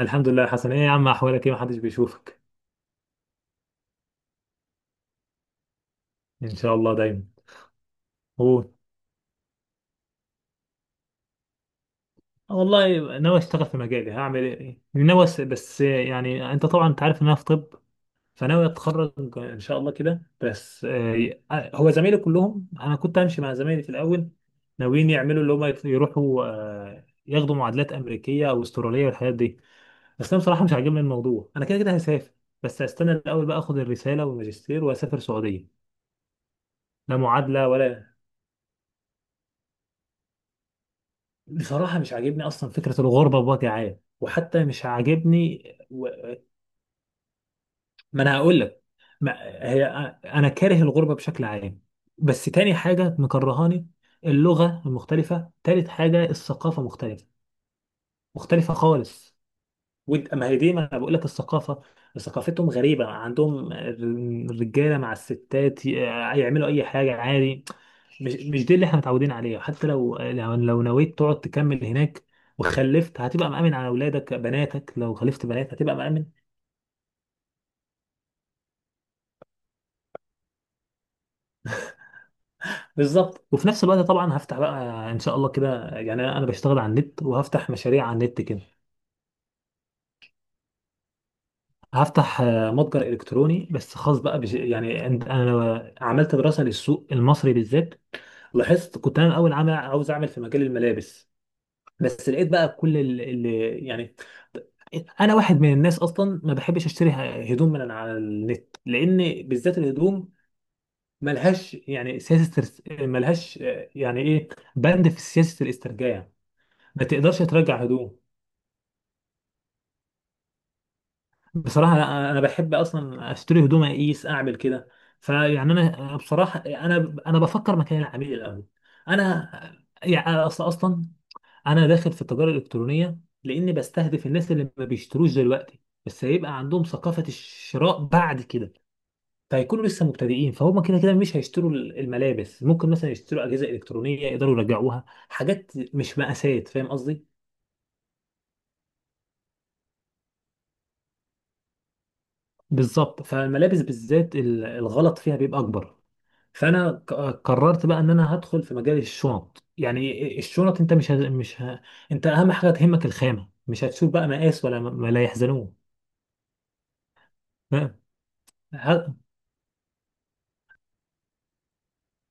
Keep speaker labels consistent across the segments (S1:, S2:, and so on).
S1: الحمد لله يا حسن، ايه يا عم، احوالك ايه؟ محدش بيشوفك. ان شاء الله دايما. هو والله ناوي اشتغل في مجالي، هعمل ايه، ناوي. بس يعني انت طبعا انت عارف ان انا في طب، فناوي اتخرج ان شاء الله كده. بس هو زمايلي كلهم، انا كنت همشي مع زمايلي في الاول. ناويين يعملوا اللي هم يروحوا ياخدوا معادلات امريكيه او استراليه والحاجات دي. بس انا بصراحه مش عاجبني الموضوع، انا كده كده هسافر، بس هستنى الاول بقى اخد الرساله والماجستير واسافر سعوديه. لا معادله ولا. بصراحة مش عاجبني أصلا فكرة الغربة بوجه عام، وحتى مش عاجبني. و... ما أنا هقول لك. ما... هي، أنا كاره الغربة بشكل عام. بس تاني حاجة مكرهاني اللغة المختلفة، تالت حاجة الثقافة مختلفة، مختلفة خالص. وانت ما هي دي، ما انا بقول لك، الثقافه ثقافتهم غريبه، عندهم الرجاله مع الستات يعملوا اي حاجه عادي. مش دي اللي احنا متعودين عليها. حتى لو نويت تقعد تكمل هناك وخلفت، هتبقى مأمن على اولادك؟ بناتك لو خلفت بنات هتبقى مأمن؟ بالظبط. وفي نفس الوقت طبعا هفتح بقى ان شاء الله كده، يعني انا بشتغل على النت، وهفتح مشاريع على النت كده. هفتح متجر الكتروني، بس خاص بقى انا عملت دراسه للسوق المصري بالذات. لاحظت، كنت انا الاول عامل عاوز اعمل في مجال الملابس، بس لقيت بقى كل اللي يعني، انا واحد من الناس اصلا ما بحبش اشتري هدوم من على النت، لان بالذات الهدوم ملهاش يعني سياسه ملهاش يعني ايه، بند في سياسه الاسترجاع، ما تقدرش ترجع هدوم. بصراحه انا بحب اصلا اشتري هدوم اقيس اعمل كده. فيعني انا بصراحه انا بفكر مكان العميل الاول. انا يعني أصل اصلا انا داخل في التجاره الالكترونيه لاني بستهدف الناس اللي ما بيشتروش دلوقتي، بس هيبقى عندهم ثقافه الشراء بعد كده. فهيكونوا لسه مبتدئين، فهم كده كده مش هيشتروا الملابس، ممكن مثلا يشتروا اجهزه الكترونيه يقدروا يرجعوها، حاجات مش مقاسات. فاهم قصدي؟ بالظبط. فالملابس بالذات الغلط فيها بيبقى اكبر. فانا ك- قررت بقى ان انا هدخل في مجال الشنط. يعني الشنط انت مش ه... مش ه... انت اهم حاجه تهمك الخامه، مش هتشوف بقى مقاس ولا لا يحزنون.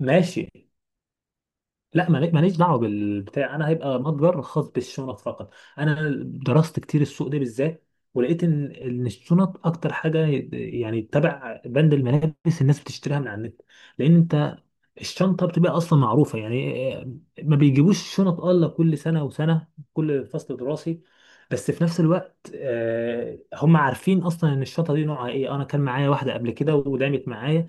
S1: ماشي. لا ماليش دعوه بالبتاع، انا هيبقى متجر خاص بالشنط فقط. انا درست كتير السوق ده بالذات، ولقيت ان الشنط اكتر حاجه يعني تبع بند الملابس الناس بتشتريها من على النت، لان انت الشنطه بتبقى اصلا معروفه يعني ما بيجيبوش شنط الا كل سنه وسنه، كل فصل دراسي. بس في نفس الوقت هم عارفين اصلا ان الشنطه دي نوعها ايه. انا كان معايا واحده قبل كده ودامت معايا.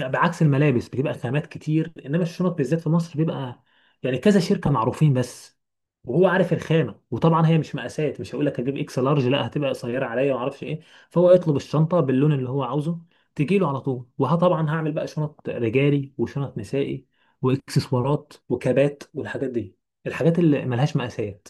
S1: بعكس الملابس بتبقى خامات كتير، انما الشنط بالذات في مصر بيبقى يعني كذا شركه معروفين بس، وهو عارف الخامه. وطبعا هي مش مقاسات، مش هقول لك هجيب اكس لارج، لا، هتبقى قصيره عليا وما اعرفش ايه. فهو يطلب الشنطه باللون اللي هو عاوزه تجي له على طول. وطبعا هعمل بقى شنط رجالي وشنط نسائي واكسسوارات وكبات والحاجات دي، الحاجات اللي ملهاش مقاسات.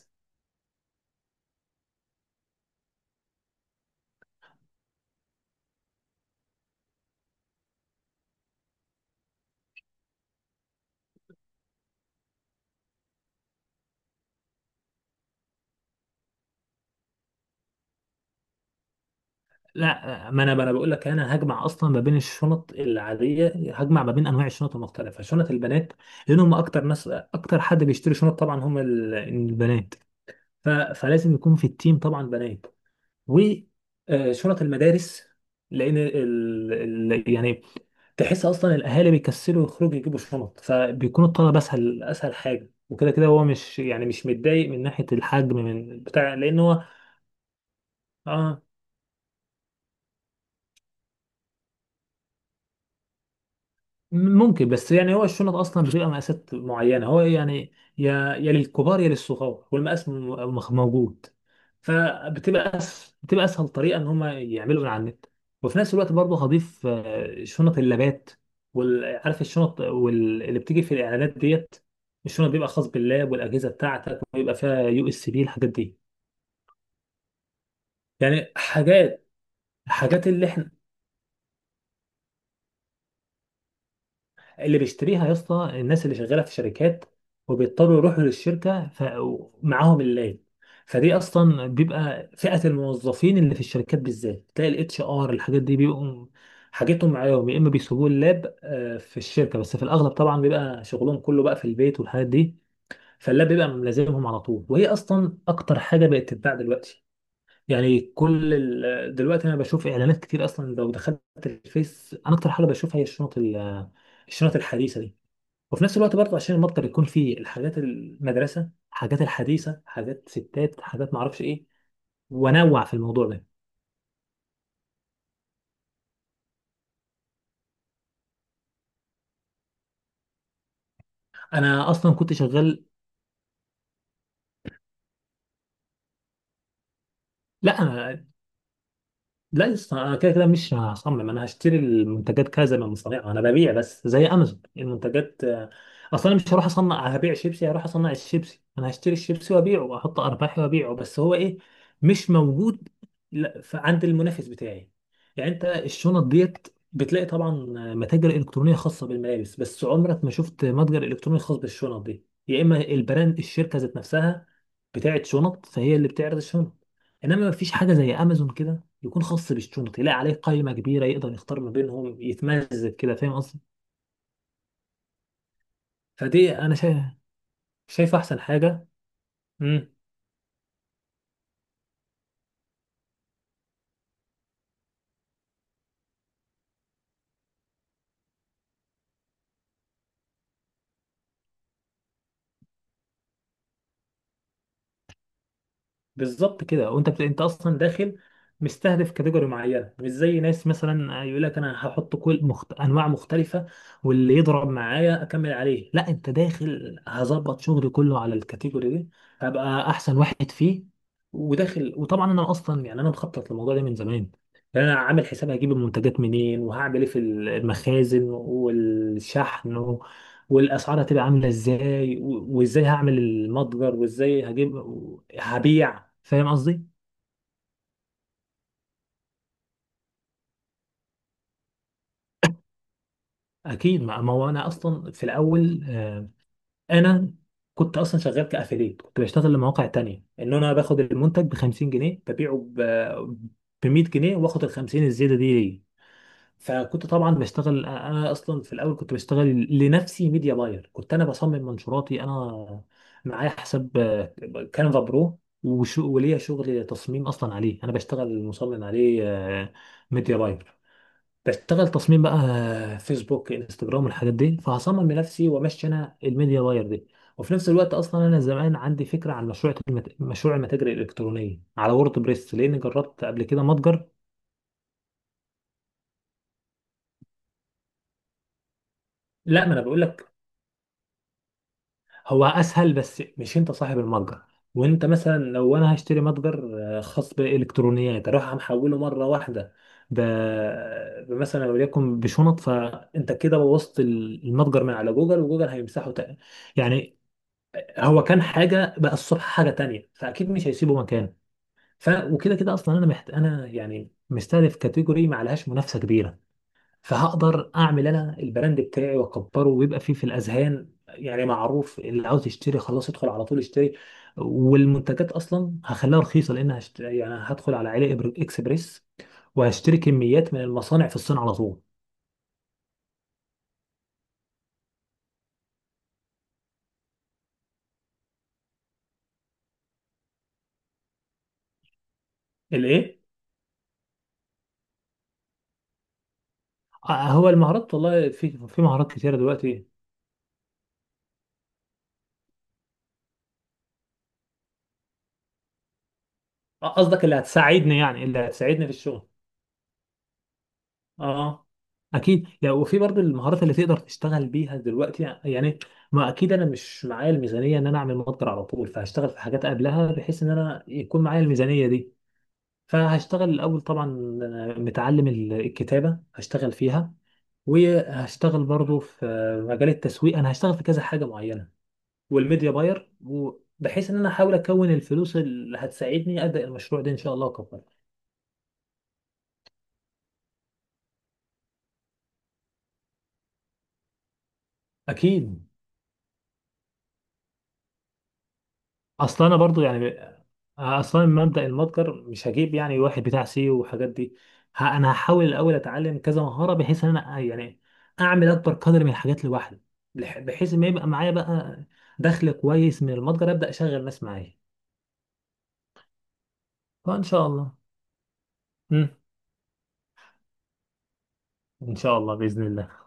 S1: لا ما انا بقول لك انا هجمع اصلا ما بين الشنط العاديه، هجمع ما بين انواع الشنط المختلفه، شنط البنات، لان هم اكتر ناس، اكتر حد بيشتري شنط طبعا هم البنات. فلازم يكون في التيم طبعا بنات. وشنط المدارس، لان يعني تحس اصلا الاهالي بيكسلوا يخرجوا يجيبوا شنط، فبيكون الطلب اسهل، اسهل حاجه. وكده كده هو مش يعني مش متضايق من ناحيه الحجم من بتاع، لان هو، اه، ممكن. بس يعني هو الشنط اصلا بتبقى مقاسات معينه، هو يعني يا للكبار يا للصغار، والمقاس موجود. فبتبقى بتبقى اسهل طريقه ان هم يعملوا من على النت. وفي نفس الوقت برضه هضيف شنط اللابات، وعارف الشنط اللي بتيجي في الاعلانات ديت، الشنط بيبقى خاص باللاب والاجهزه بتاعتك، ويبقى فيها يو اس بي الحاجات دي. يعني حاجات، حاجات اللي احنا، اللي بيشتريها يا اسطى الناس اللي شغاله في شركات وبيضطروا يروحوا للشركه معاهم اللاب. فدي اصلا بيبقى فئه الموظفين اللي في الشركات بالذات، تلاقي الاتش ار الحاجات دي بيبقوا حاجتهم معاهم، يا اما بيسيبوه اللاب في الشركه، بس في الاغلب طبعا بيبقى شغلهم كله بقى في البيت والحاجات دي. فاللاب بيبقى ملازمهم على طول، وهي اصلا اكتر حاجه بقت تتباع دلوقتي. يعني دلوقتي انا بشوف اعلانات كتير اصلا، لو دخلت الفيس انا اكتر حاجه بشوفها هي الشنط الحديثه دي. وفي نفس الوقت برضه عشان المتجر يكون فيه الحاجات، المدرسه، حاجات الحديثه، حاجات ستات، حاجات معرفش ايه، وانوع في الموضوع ده. انا اصلا كنت شغال. لا. لا يا اسطى، انا كده كده مش هصمم، انا هشتري المنتجات كذا من مصانع، انا ببيع بس زي امازون المنتجات اصلا. أنا مش هروح اصنع، هبيع شيبسي هروح اصنع الشيبسي؟ انا هشتري الشيبسي وابيعه واحط ارباحي وابيعه. بس هو ايه، مش موجود، لا عند المنافس بتاعي. يعني انت الشنط ديت بتلاقي طبعا متاجر الكترونيه خاصه بالملابس، بس عمرك ما شفت متجر الكتروني خاص بالشنط دي، يا اما البراند الشركه ذات نفسها بتاعت شنط فهي اللي بتعرض الشنط. انما مفيش حاجه زي امازون كده يكون خاص بالشنط، يلاقي عليه قائمة كبيرة يقدر يختار ما بينهم يتمزج كده. فاهم قصدي؟ فدي انا شايف، شايف احسن حاجة. مم. بالظبط كده. وانت انت اصلا داخل مستهدف كاتيجوري معينه، مش زي ناس مثلا يقول لك انا هحط انواع مختلفه واللي يضرب معايا اكمل عليه. لا، انت داخل هظبط شغلي كله على الكاتيجوري دي، هبقى احسن واحد فيه. وداخل، وطبعا انا اصلا يعني انا مخطط للموضوع ده من زمان. يعني انا عامل حساب هجيب المنتجات منين، وهعمل ايه في المخازن والشحن، والاسعار هتبقى عامله ازاي، وازاي هعمل المتجر، وازاي هجيب هبيع. فاهم قصدي؟ اكيد. ما هو انا اصلا في الاول انا كنت اصلا شغال كافيليت، كنت بشتغل لمواقع تانية ان انا باخد المنتج ب 50 جنيه ببيعه ب 100 جنيه، واخد ال 50 الزياده دي. فكنت طبعا بشتغل، انا اصلا في الاول كنت بشتغل لنفسي ميديا باير، كنت انا بصمم منشوراتي انا، معايا حساب كانفا برو وليا شغل تصميم اصلا عليه، انا بشتغل مصمم عليه ميديا باير. بشتغل تصميم بقى فيسبوك، انستجرام، الحاجات دي، فهصمم لنفسي وامشي انا الميديا باير دي. وفي نفس الوقت اصلا انا زمان عندي فكره عن مشروع المتاجر الالكترونيه على وورد بريس، لان جربت قبل كده متجر. لا ما انا بقول لك، هو اسهل بس مش انت صاحب المتجر. وانت مثلا لو انا هشتري متجر خاص بالالكترونيات اروح محوله مره واحده ب... مثلا وليكن بشنط، فانت كده بوظت المتجر من على جوجل، وجوجل هيمسحه تاني. يعني هو كان حاجه بقى الصبح حاجه تانية، فاكيد مش هيسيبه مكان. ف، وكده كده اصلا انا يعني مستهدف كاتيجوري ما عليهاش منافسه كبيره، فهقدر اعمل انا البراند بتاعي واكبره ويبقى فيه في الاذهان، يعني معروف، اللي عاوز يشتري خلاص يدخل على طول يشتري. والمنتجات اصلا هخليها رخيصه، لان يعني هدخل على علي اكسبريس وهشتري كميات من المصانع في الصين على طول. الايه؟ هو المهارات، والله في مهارات كتيره دلوقتي. قصدك اللي هتساعدني يعني، اللي هتساعدني في الشغل. اه. اكيد. يعني وفي برضه المهارات اللي تقدر تشتغل بيها دلوقتي، يعني ما اكيد انا مش معايا الميزانيه ان انا اعمل ماستر على طول، فهشتغل في حاجات قبلها بحيث ان انا يكون معايا الميزانيه دي. فهشتغل الاول طبعا، متعلم الكتابه هشتغل فيها، وهشتغل برضه في مجال التسويق، انا هشتغل في كذا حاجه معينه، والميديا باير، بحيث ان انا احاول اكون الفلوس اللي هتساعدني ابدا المشروع ده ان شاء الله اكبر. اكيد. اصل انا برضو يعني اصلا من مبدأ المتجر مش هجيب يعني واحد بتاع سيو والحاجات دي، انا هحاول الاول اتعلم كذا مهارة بحيث ان انا يعني اعمل اكبر قدر من الحاجات لوحدي، بحيث ما يبقى معايا بقى دخل كويس من المتجر ابدأ اشغل ناس معايا. فان شاء الله. امم ان شاء الله بإذن الله.